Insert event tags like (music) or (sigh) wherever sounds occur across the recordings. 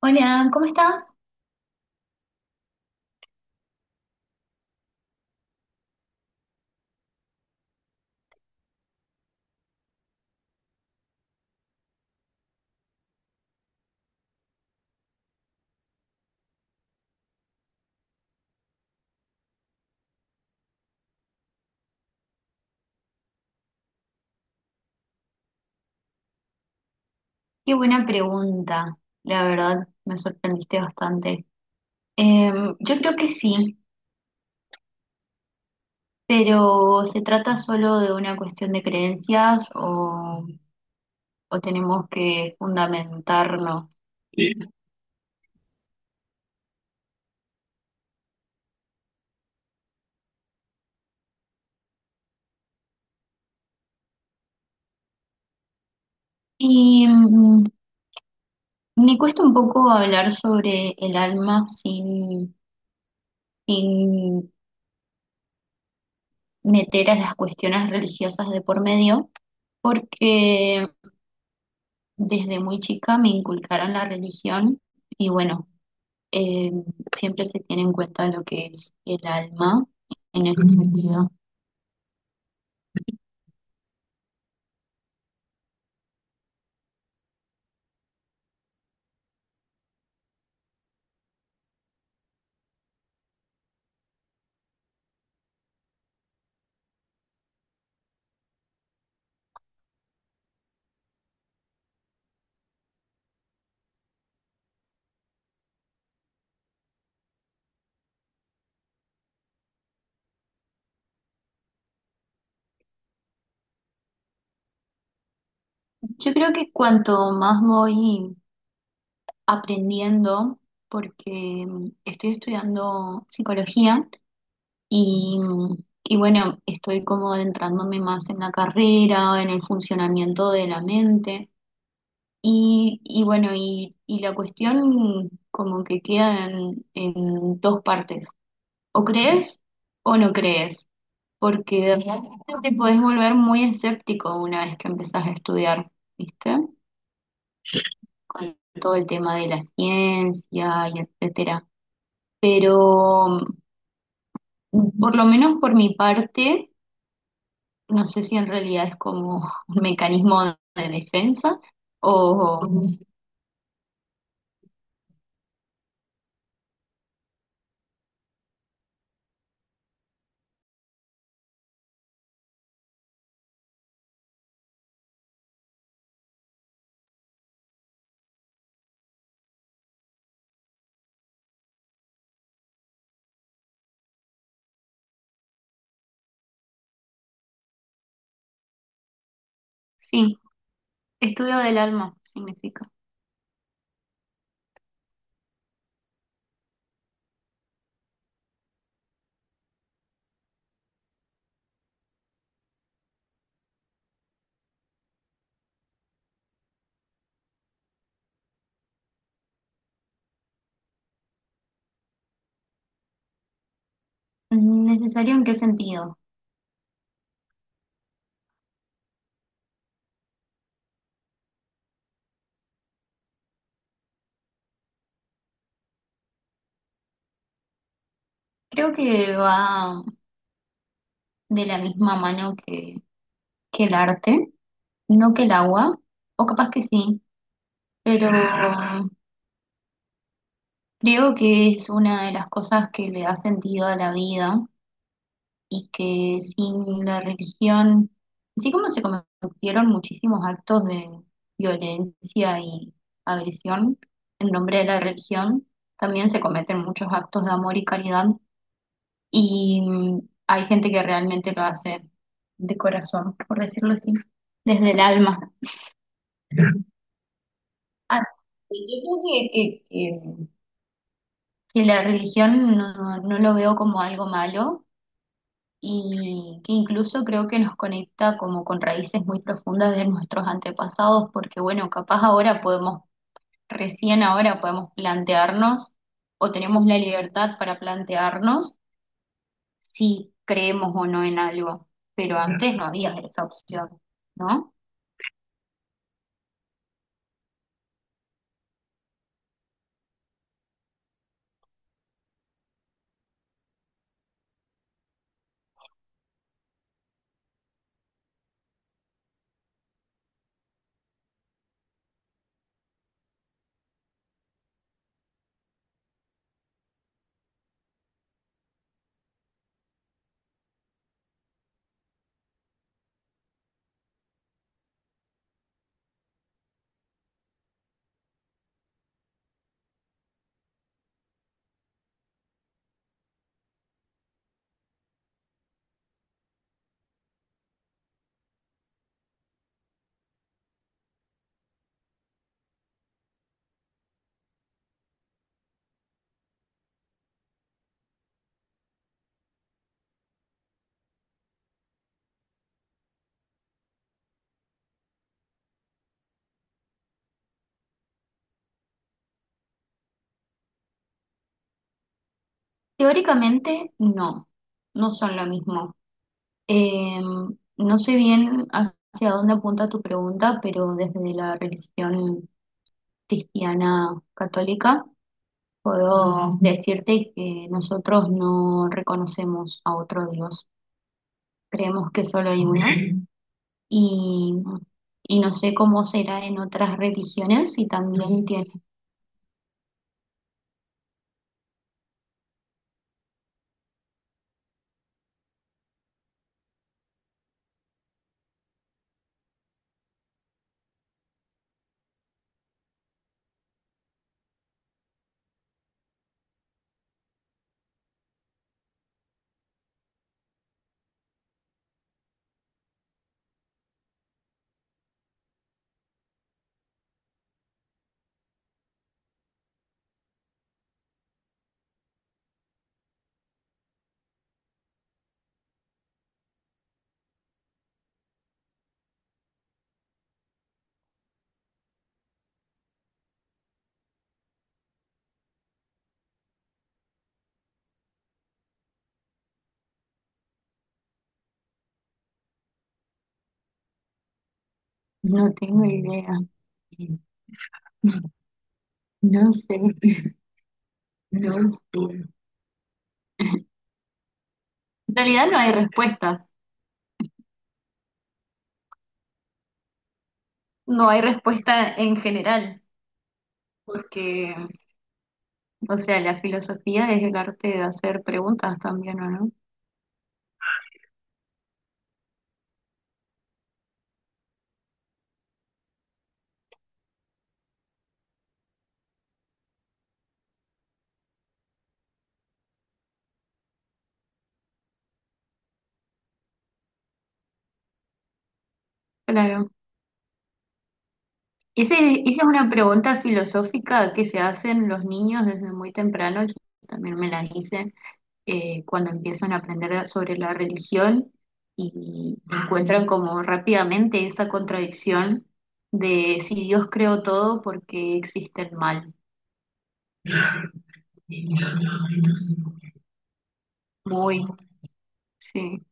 Hola, ¿cómo estás? Qué buena pregunta. La verdad, me sorprendiste bastante. Yo creo que sí, pero ¿se trata solo de una cuestión de creencias o tenemos que fundamentarnos? Y mm, Me cuesta un poco hablar sobre el alma sin meter a las cuestiones religiosas de por medio, porque desde muy chica me inculcaron la religión y bueno. eh, Siempre se tiene en cuenta lo que es el alma en ese sentido. Yo creo que cuanto más voy aprendiendo, porque estoy estudiando psicología y, mm, y bueno, estoy como adentrándome más en la carrera, en el funcionamiento de la mente. Y la cuestión como que queda en dos partes. O crees o no crees, porque realmente te puedes volver muy escéptico una vez que empezás a estudiar, ¿viste? Con todo el tema de la ciencia y etcétera. Pero por lo menos por mi parte, no sé si en realidad es como un mecanismo de defensa o ujú. Sí, estudio del alma significa. ¿Necesario en qué sentido? Creo que va de la misma mano que el arte. No que el agua, o capaz que sí, pero creo que es una de las cosas que le da sentido a la vida y que sin la religión, así como se cometieron muchísimos actos de violencia y agresión en nombre de la religión, también se cometen muchos actos de amor y caridad y hay gente que realmente lo hace de corazón, por decirlo así, desde el alma. Ah, yo creo que, que- que que la religión no, no lo veo como algo malo y que incluso creo que nos conecta como con raíces muy profundas de nuestros antepasados, porque bueno, capaz ahora podemos, recién ahora podemos plantearnos o tenemos la libertad para plantearnos si creemos o no en algo, pero antes no había esa opción, ¿no? Teóricamente no, no son lo mismo. Eh, no sé bien hacia dónde apunta tu pregunta, pero desde la religión cristiana católica puedo decirte que nosotros no reconocemos a otro Dios. Creemos que solo hay uno y, y no sé cómo será en otras religiones y también tiene, no tengo idea. No sé, (laughs) no sé. En realidad no hay respuestas, no hay respuesta en general, porque o sea, la filosofía es el arte de hacer preguntas también, ¿o no? Claro. Ese, Esa es una pregunta filosófica que se hacen los niños desde muy temprano. Yo también me las hice cuando empiezan a aprender sobre la religión y encuentran como rápidamente esa contradicción de si Dios creó todo, ¿por qué existe el mal? Muy, sí.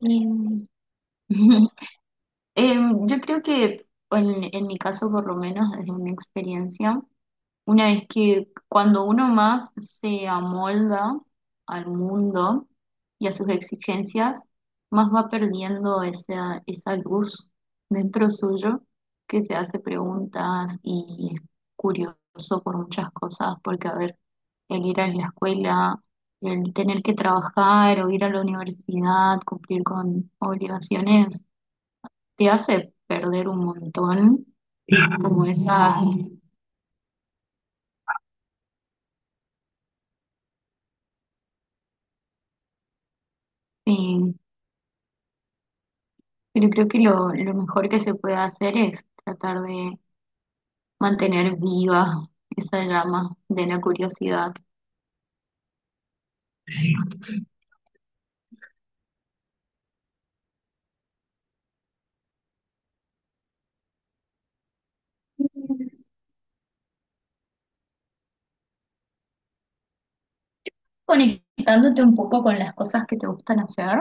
Mm. (laughs) Yo creo que en mi caso, por lo menos desde mi experiencia, una vez que cuando uno más se amolda al mundo y a sus exigencias, más va perdiendo esa luz dentro suyo que se hace preguntas y es curioso por muchas cosas, porque a ver, el ir a la escuela, el tener que trabajar o ir a la universidad, cumplir con obligaciones te hace perder un montón, como esa, sí, pero creo que lo mejor que se puede hacer es tratar de mantener viva esa llama de la curiosidad, conectándote un poco con las cosas que te gustan hacer,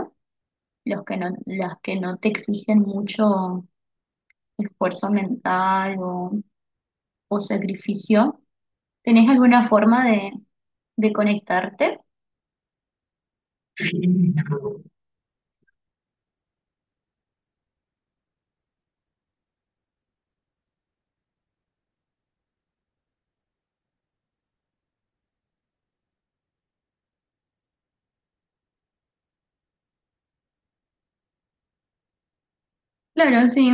los que no, las que no te exigen mucho esfuerzo mental o sacrificio. ¿Tenés alguna forma de conectarte? Claro, sí,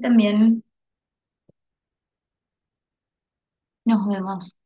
también nos vemos.